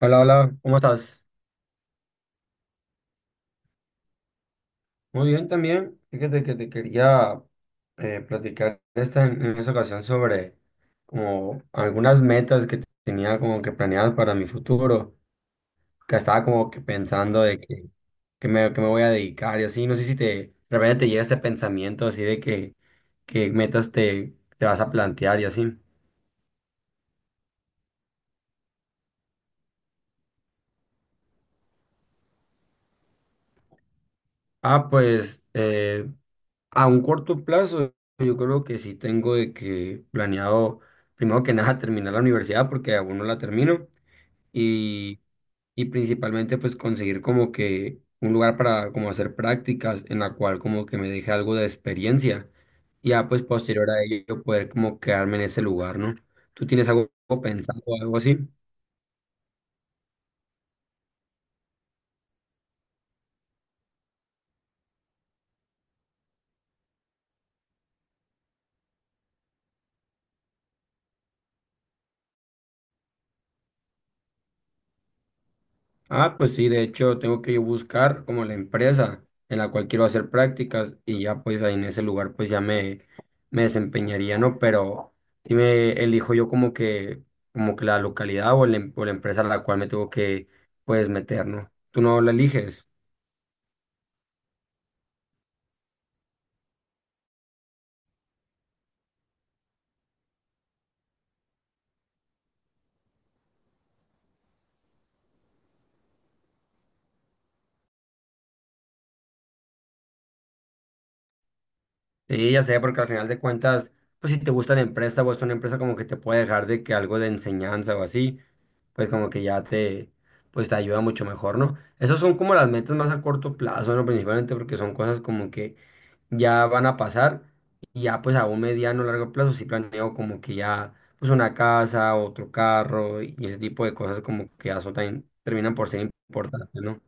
Hola, hola, ¿cómo estás? Muy bien también. Fíjate que te quería platicar en esta ocasión sobre como algunas metas que tenía como que planeadas para mi futuro, que estaba como que pensando, que me voy a dedicar y así. No sé si te, de repente te llega este pensamiento así de que metas te, te vas a plantear y así. Ah, pues a un corto plazo, yo creo que sí tengo de que planeado, primero que nada, terminar la universidad porque aún no la termino y, y principalmente pues conseguir como que un lugar para como hacer prácticas en la cual como que me deje algo de experiencia y ya pues posterior a ello poder como quedarme en ese lugar, ¿no? ¿Tú tienes algo pensado, algo así? Ah, pues sí, de hecho tengo que yo buscar como la empresa en la cual quiero hacer prácticas y ya pues ahí en ese lugar pues ya me desempeñaría, ¿no? Pero si me elijo yo como que la localidad o la, o la empresa a la cual me tengo que pues meter, ¿no? Tú no la eliges. Sí, ya sé, porque al final de cuentas, pues si te gusta la empresa o es una empresa como que te puede dejar de que algo de enseñanza o así, pues como que ya te, pues te ayuda mucho mejor, ¿no? Esas son como las metas más a corto plazo, ¿no? Principalmente porque son cosas como que ya van a pasar y ya pues a un mediano largo plazo sí planeo como que ya pues una casa, otro carro y ese tipo de cosas como que ya son también terminan por ser importantes, ¿no?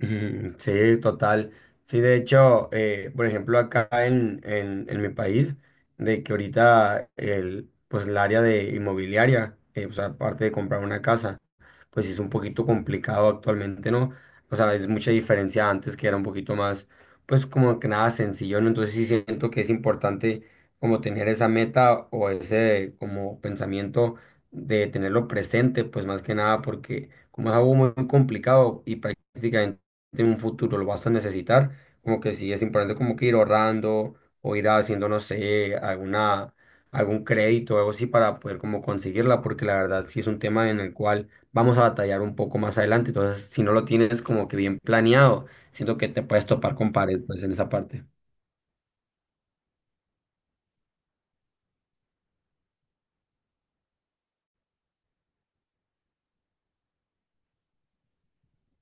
Ujú, sí, total. Sí, de hecho, por ejemplo, acá en mi país, de que ahorita el, pues el área de inmobiliaria, o sea aparte de comprar una casa, pues sí es un poquito complicado actualmente, ¿no? O sea, es mucha diferencia antes que era un poquito más, pues como que nada sencillo, ¿no? Entonces sí siento que es importante como tener esa meta o ese como pensamiento de tenerlo presente, pues más que nada porque como es algo muy muy complicado y prácticamente en un futuro lo vas a necesitar, como que sí es importante como que ir ahorrando o ir haciendo, no sé, alguna, algún crédito o algo así para poder como conseguirla, porque la verdad sí es un tema en el cual vamos a batallar un poco más adelante. Entonces, si no lo tienes como que bien planeado, siento que te puedes topar con pared, pues, en esa parte.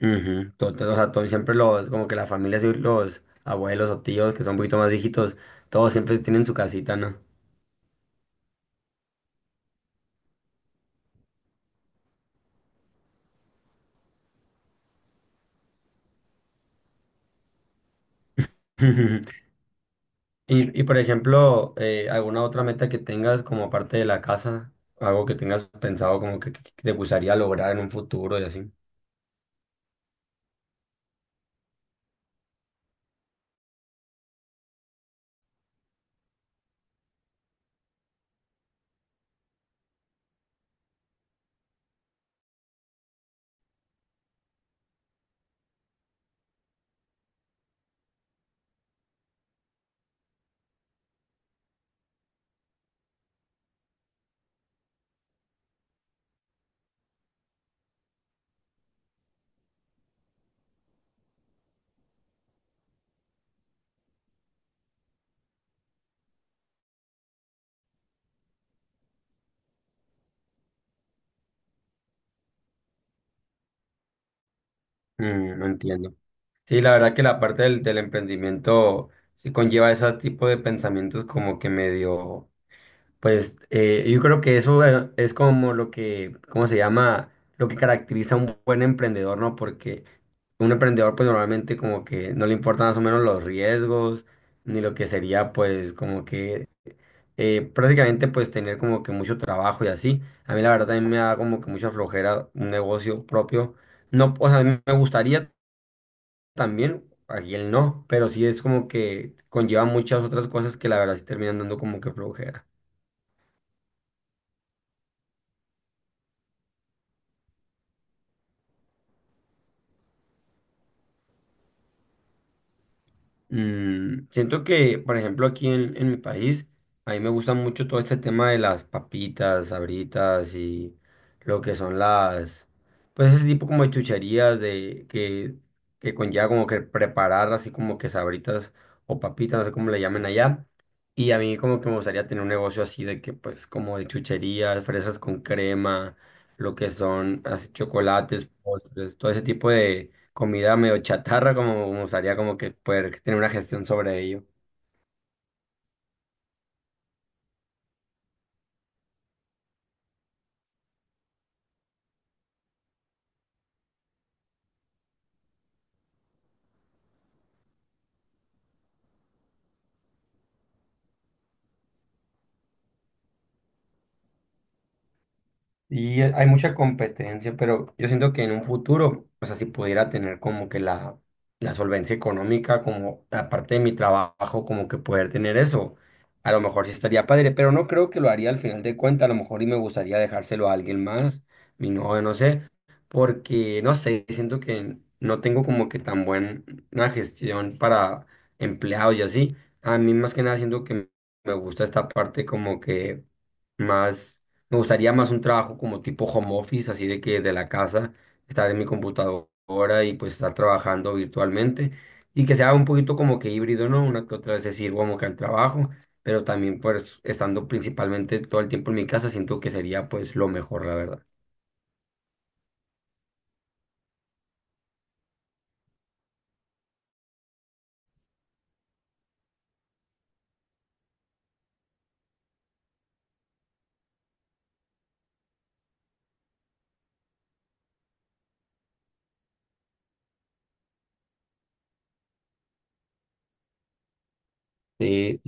Ujú, total, o sea, todos siempre los, como que las familias y los abuelos o tíos que son un poquito más viejitos, todos siempre tienen su casita, ¿no? Y por ejemplo, ¿alguna otra meta que tengas como aparte de la casa? Algo que tengas pensado como que te gustaría lograr en un futuro y así. Mm, no entiendo. Sí, la verdad que la parte del emprendimiento sí conlleva ese tipo de pensamientos como que medio, pues yo creo que eso, es como lo que, ¿cómo se llama? Lo que caracteriza a un buen emprendedor, ¿no? Porque un emprendedor pues normalmente como que no le importan más o menos los riesgos ni lo que sería pues como que prácticamente pues tener como que mucho trabajo y así. A mí la verdad también me da como que mucha flojera un negocio propio. No, o sea, a mí me gustaría también, aquí él no, pero sí es como que conlleva muchas otras cosas que la verdad sí terminan dando como que flojera. Mm, siento que, por ejemplo, aquí en mi país, a mí me gusta mucho todo este tema de las papitas, sabritas y lo que son las, pues ese tipo como de chucherías que conlleva como que preparar así como que sabritas o papitas, no sé cómo le llamen allá. Y a mí como que me gustaría tener un negocio así de que pues como de chucherías, fresas con crema, lo que son así chocolates, postres, todo ese tipo comida medio chatarra, como me gustaría como que poder tener una gestión sobre ello. Y hay mucha competencia, pero yo siento que en un futuro, o sea, si pudiera tener como que la solvencia económica, como aparte de mi trabajo, como que poder tener eso, a lo mejor sí estaría padre, pero no creo que lo haría al final de cuentas, a lo mejor y me gustaría dejárselo a alguien más, mi novio, no sé, porque no sé, siento que no tengo como que tan buena gestión para empleados y así. A mí más que nada siento que me gusta esta parte como que más me gustaría más un trabajo como tipo home office, así de que de la casa, estar en mi computadora y pues estar trabajando virtualmente y que sea un poquito como que híbrido, ¿no? Una que otra vez decir, como que al trabajo, pero también pues estando principalmente todo el tiempo en mi casa, siento que sería pues lo mejor, la verdad. Eh,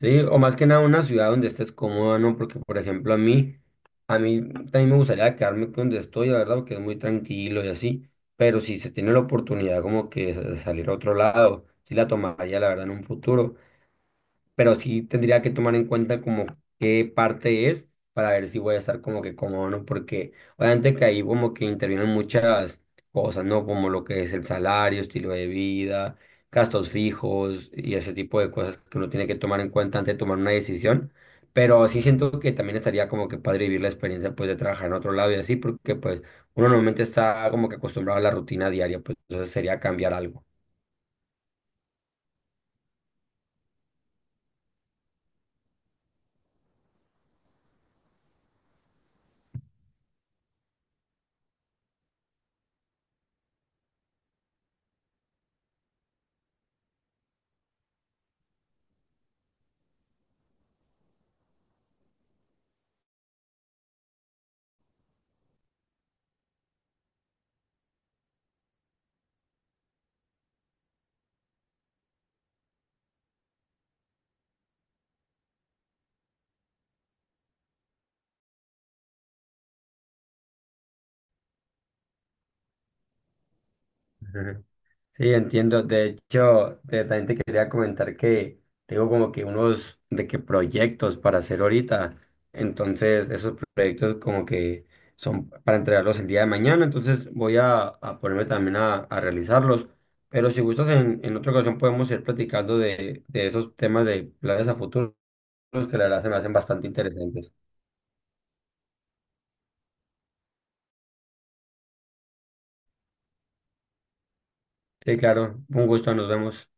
Sí, o más que nada una ciudad donde estés cómoda, ¿no? Porque, por ejemplo, a mí también me gustaría quedarme donde estoy, la verdad, porque es muy tranquilo y así, pero si se tiene la oportunidad como que de salir a otro lado, sí la tomaría, la verdad, en un futuro, pero sí tendría que tomar en cuenta como qué parte es para ver si voy a estar como que cómodo, ¿no? Porque obviamente que ahí como que intervienen muchas cosas, ¿no? Como lo que es el salario, estilo de vida, gastos fijos y ese tipo de cosas que uno tiene que tomar en cuenta antes de tomar una decisión. Pero sí siento que también estaría como que padre vivir la experiencia pues de trabajar en otro lado y así, porque pues uno normalmente está como que acostumbrado a la rutina diaria, pues entonces sería cambiar algo. Ujú. Sí, entiendo. De hecho, también te quería comentar que tengo como que unos de que proyectos para hacer ahorita. Entonces, esos proyectos como que son para entregarlos el día de mañana. Entonces, voy a ponerme también a realizarlos. Pero si gustas, en otra ocasión podemos ir platicando de esos temas de planes a futuro que la verdad se me hacen bastante interesantes. Sí, claro. Un gusto. Nos vemos.